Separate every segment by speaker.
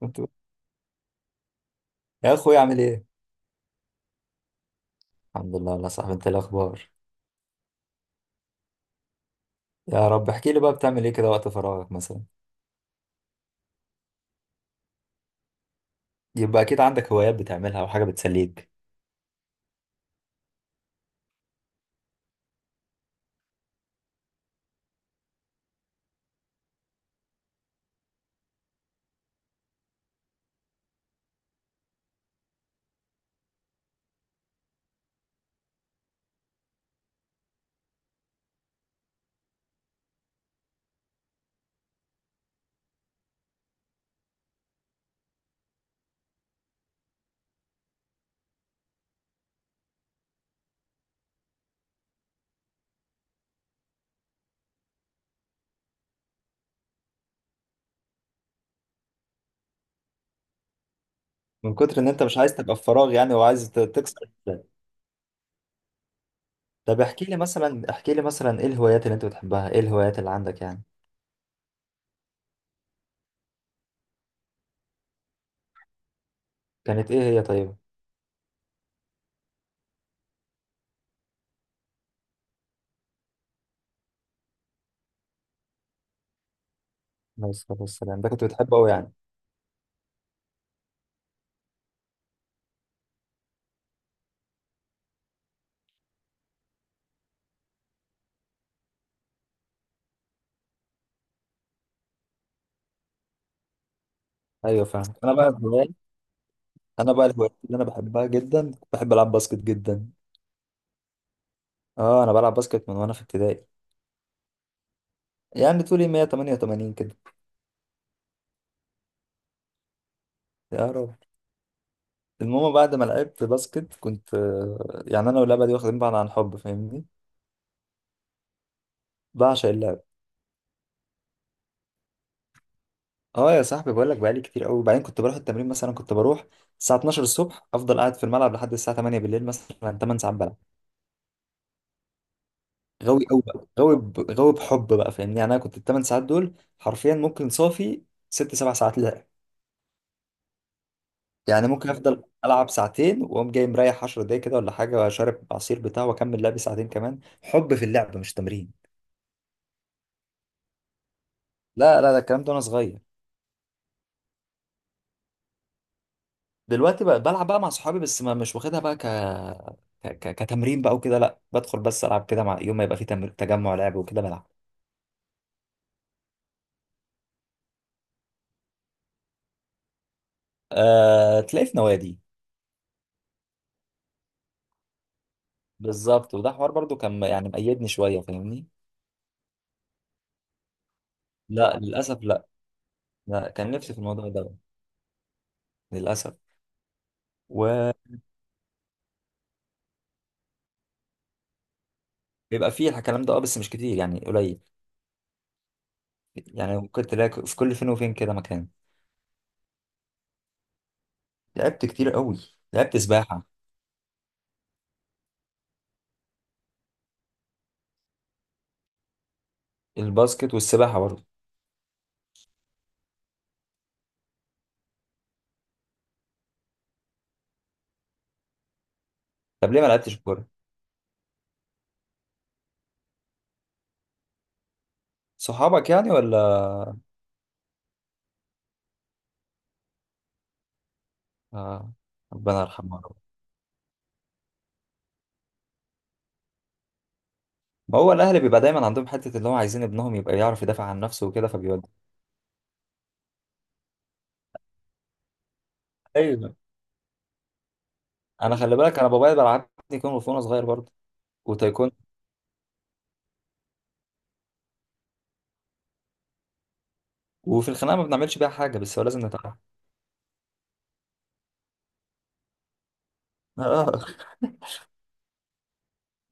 Speaker 1: كنت يا اخوي عامل ايه؟ الحمد لله والله يا صاحبي، انت إيه الاخبار؟ يا رب. احكي لي بقى، بتعمل ايه كده وقت فراغك مثلا؟ يبقى اكيد عندك هوايات بتعملها او حاجه بتسليك. من كتر ان انت مش عايز تبقى في فراغ يعني، وعايز تكسر ده. طب احكي لي مثلا، احكي لي مثلا ايه الهوايات اللي انت بتحبها، ايه الهوايات اللي عندك يعني؟ كانت ايه هي طيب؟ عليه الصلاة والسلام، ده كنت بتحبه قوي يعني؟ ايوه فاهم. انا بقى الهوايات اللي انا بحبها جدا، بحب العب باسكت جدا. اه انا بلعب باسكت من وانا في ابتدائي. يعني طولي 188 كده. يا رب. المهم بعد ما لعبت باسكت كنت يعني انا واللعبه دي واخدين بعض عن حب، فاهمني. بعشق اللعب. اه يا صاحبي بقول لك، بقالي كتير قوي. وبعدين كنت بروح التمرين، مثلا كنت بروح الساعه 12 الصبح، افضل قاعد في الملعب لحد الساعه 8 بالليل، مثلا 8 ساعات بلعب. غاوي قوي بقى، غاوي غاوي بحب بقى فاهمني. يعني انا كنت ال 8 ساعات دول حرفيا ممكن صافي 6 7 ساعات لعب. يعني ممكن افضل العب ساعتين، واقوم جاي مريح 10 دقايق كده ولا حاجه، واشرب عصير بتاع، واكمل لعبي ساعتين كمان. حب في اللعب مش تمرين. لا لا، ده الكلام ده وانا صغير. دلوقتي بقى بلعب بقى مع صحابي، بس ما مش واخدها بقى كتمرين بقى وكده. لا بدخل بس العب كده، مع يوم ما يبقى في تجمع لعب وكده بلعب. تلاقي في نوادي. بالظبط، وده حوار برضو كان يعني مقيدني شويه فاهمني. لا للاسف لا. لا كان نفسي في الموضوع ده، للاسف. وبيبقى فيه الكلام ده، اه بس مش كتير يعني، قليل. يعني ممكن تلاقي في كل فين وفين كده مكان. لعبت كتير قوي. لعبت سباحه. الباسكت والسباحه برضو. طب ليه ما لعبتش كوره؟ صحابك يعني ولا؟ آه. ربنا يرحمه. هو الاهل بيبقى دايما عندهم حته اللي هو عايزين ابنهم يبقى يعرف يدافع عن نفسه وكده، فبيودي. ايوه. انا خلي بالك، انا بابايا بلعبني كونغ فو وانا صغير برضه، وتايكوندو. وفي الخناقه ما بنعملش بيها حاجه، بس هو لازم نتعلم. اه.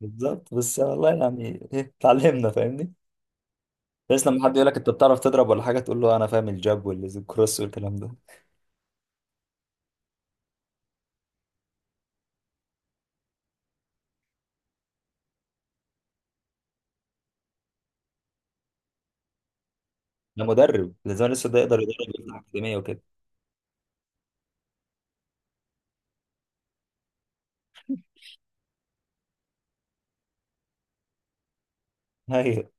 Speaker 1: بالظبط، بس والله يعني ايه، اتعلمنا فاهمني. بس لما حد يقول لك انت بتعرف تضرب ولا حاجه، تقول له انا فاهم الجاب والكروس والكلام ده. انا مدرب، لازم لسه ده يقدر يدرب يفتح اكاديميه وكده. ايوه.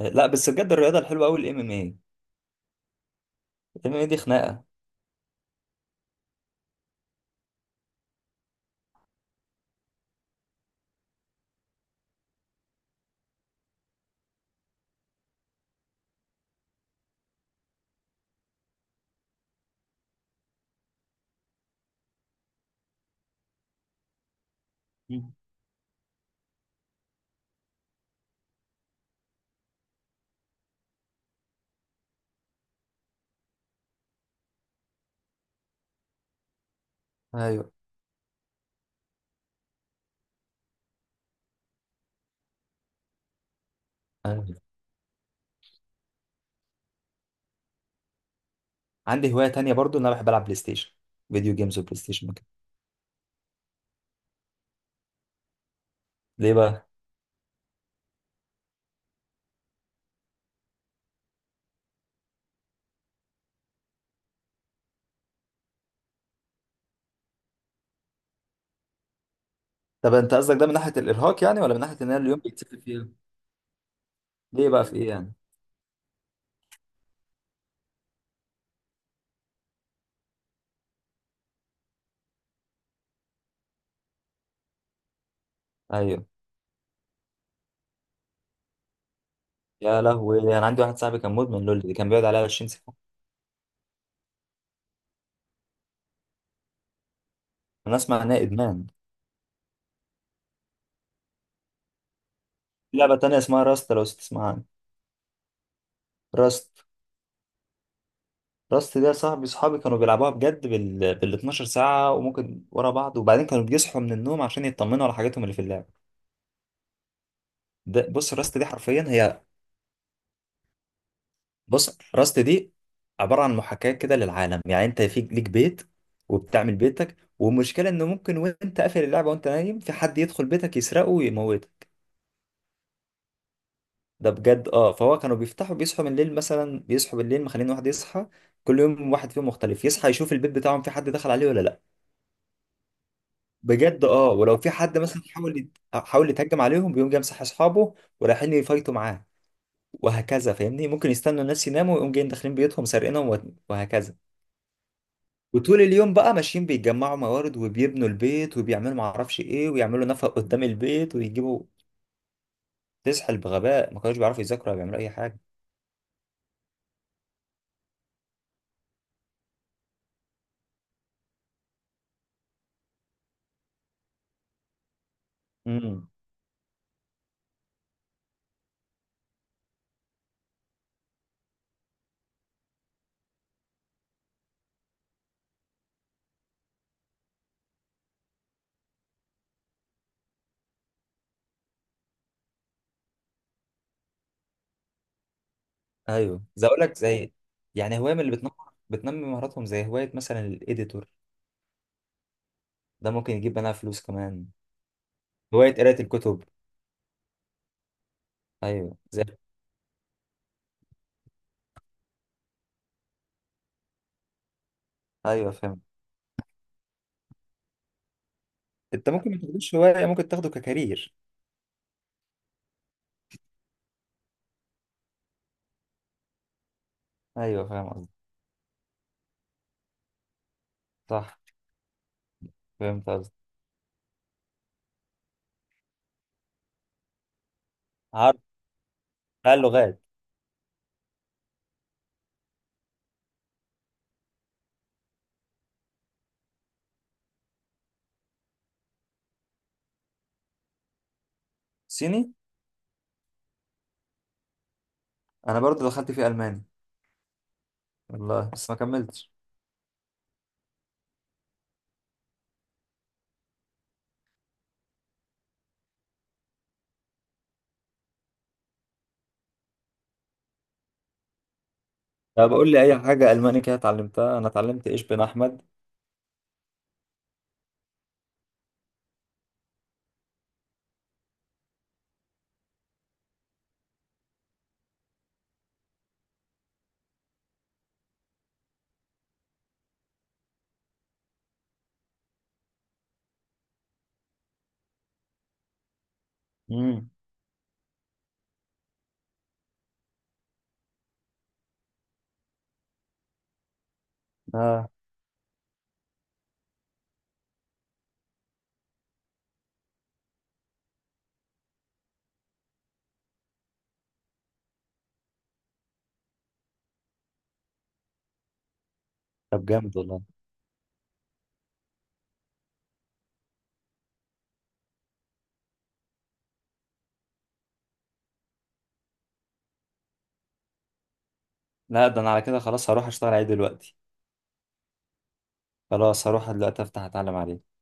Speaker 1: لا بس بجد الرياضه الحلوه قوي الام ام اي. الام ام اي دي خناقه. مم. ايوه عندي هواية تانية برضو ان انا بحب العب بلاي ستيشن، فيديو جيمز وبلاي ستيشن وكده. ليه بقى؟ طب انت قصدك ده من ناحية الارهاق يعني، ولا من ناحية ان انا اليوم بيتسحل فيها؟ ليه بقى؟ في ايه يعني؟ ايوه. يا لهوي، انا عندي واحد صاحبي كان مدمن لول، اللي كان بيقعد عليها 20 ساعة. انا اسمع انها ادمان. في لعبة تانية اسمها راست، لو تسمع عنها. راست. راست دي يا صاحبي، صحابي كانوا بيلعبوها بجد بال 12 ساعة، وممكن ورا بعض. وبعدين كانوا بيصحوا من النوم عشان يطمنوا على حاجاتهم اللي في اللعبة. ده بص، راست دي حرفيا هي، بص راست دي عباره عن محاكاه كده للعالم. يعني انت في ليك بيت، وبتعمل بيتك، والمشكله انه ممكن وانت قافل اللعبه وانت نايم في حد يدخل بيتك يسرقه ويموته. ده بجد اه. فهو كانوا بيفتحوا، بيصحوا من الليل، مثلا بيصحوا بالليل مخلين واحد يصحى. كل يوم واحد فيهم مختلف يصحى يشوف البيت بتاعهم في حد دخل عليه ولا لا. بجد اه. ولو في حد مثلا حاول يتهجم عليهم، بيقوم جاي مصحي اصحابه ورايحين يفايتوا معاه. وهكذا فاهمني. ممكن يستنوا الناس يناموا ويقوم جايين داخلين بيوتهم سارقينهم، وهكذا. وطول اليوم بقى ماشيين بيجمعوا موارد وبيبنوا البيت وبيعملوا معرفش ايه، ويعملوا نفق قدام البيت ويجيبوا. تسحل بغباء، ما كانوش بيعرفوا يذاكروا ولا بيعملوا اي حاجه. امم. ايوه زي، اقول لك زي يعني هوايه من اللي بتنمر، بتنمي مهاراتهم، زي هوايه مثلا الايديتور. ده ممكن يجيب منها فلوس كمان. هوايه قرايه الكتب. ايوه زي. ايوه فاهم. انت ممكن ما تاخدوش هوايه، ممكن تاخده ككارير. ايوه فاهم قصدي. صح. فهمت قصدي. عارف بقى اللغات. صيني. انا برضو دخلت في الماني، والله بس ما كملتش. طب قول لي اي حاجه الماني كده اتعلمتها. انا اتعلمت ايش بن احمد. امم. اه. طب جامد والله. لا ده انا على كده خلاص هروح اشتغل عليه دلوقتي. خلاص هروح دلوقتي افتح اتعلم عليه.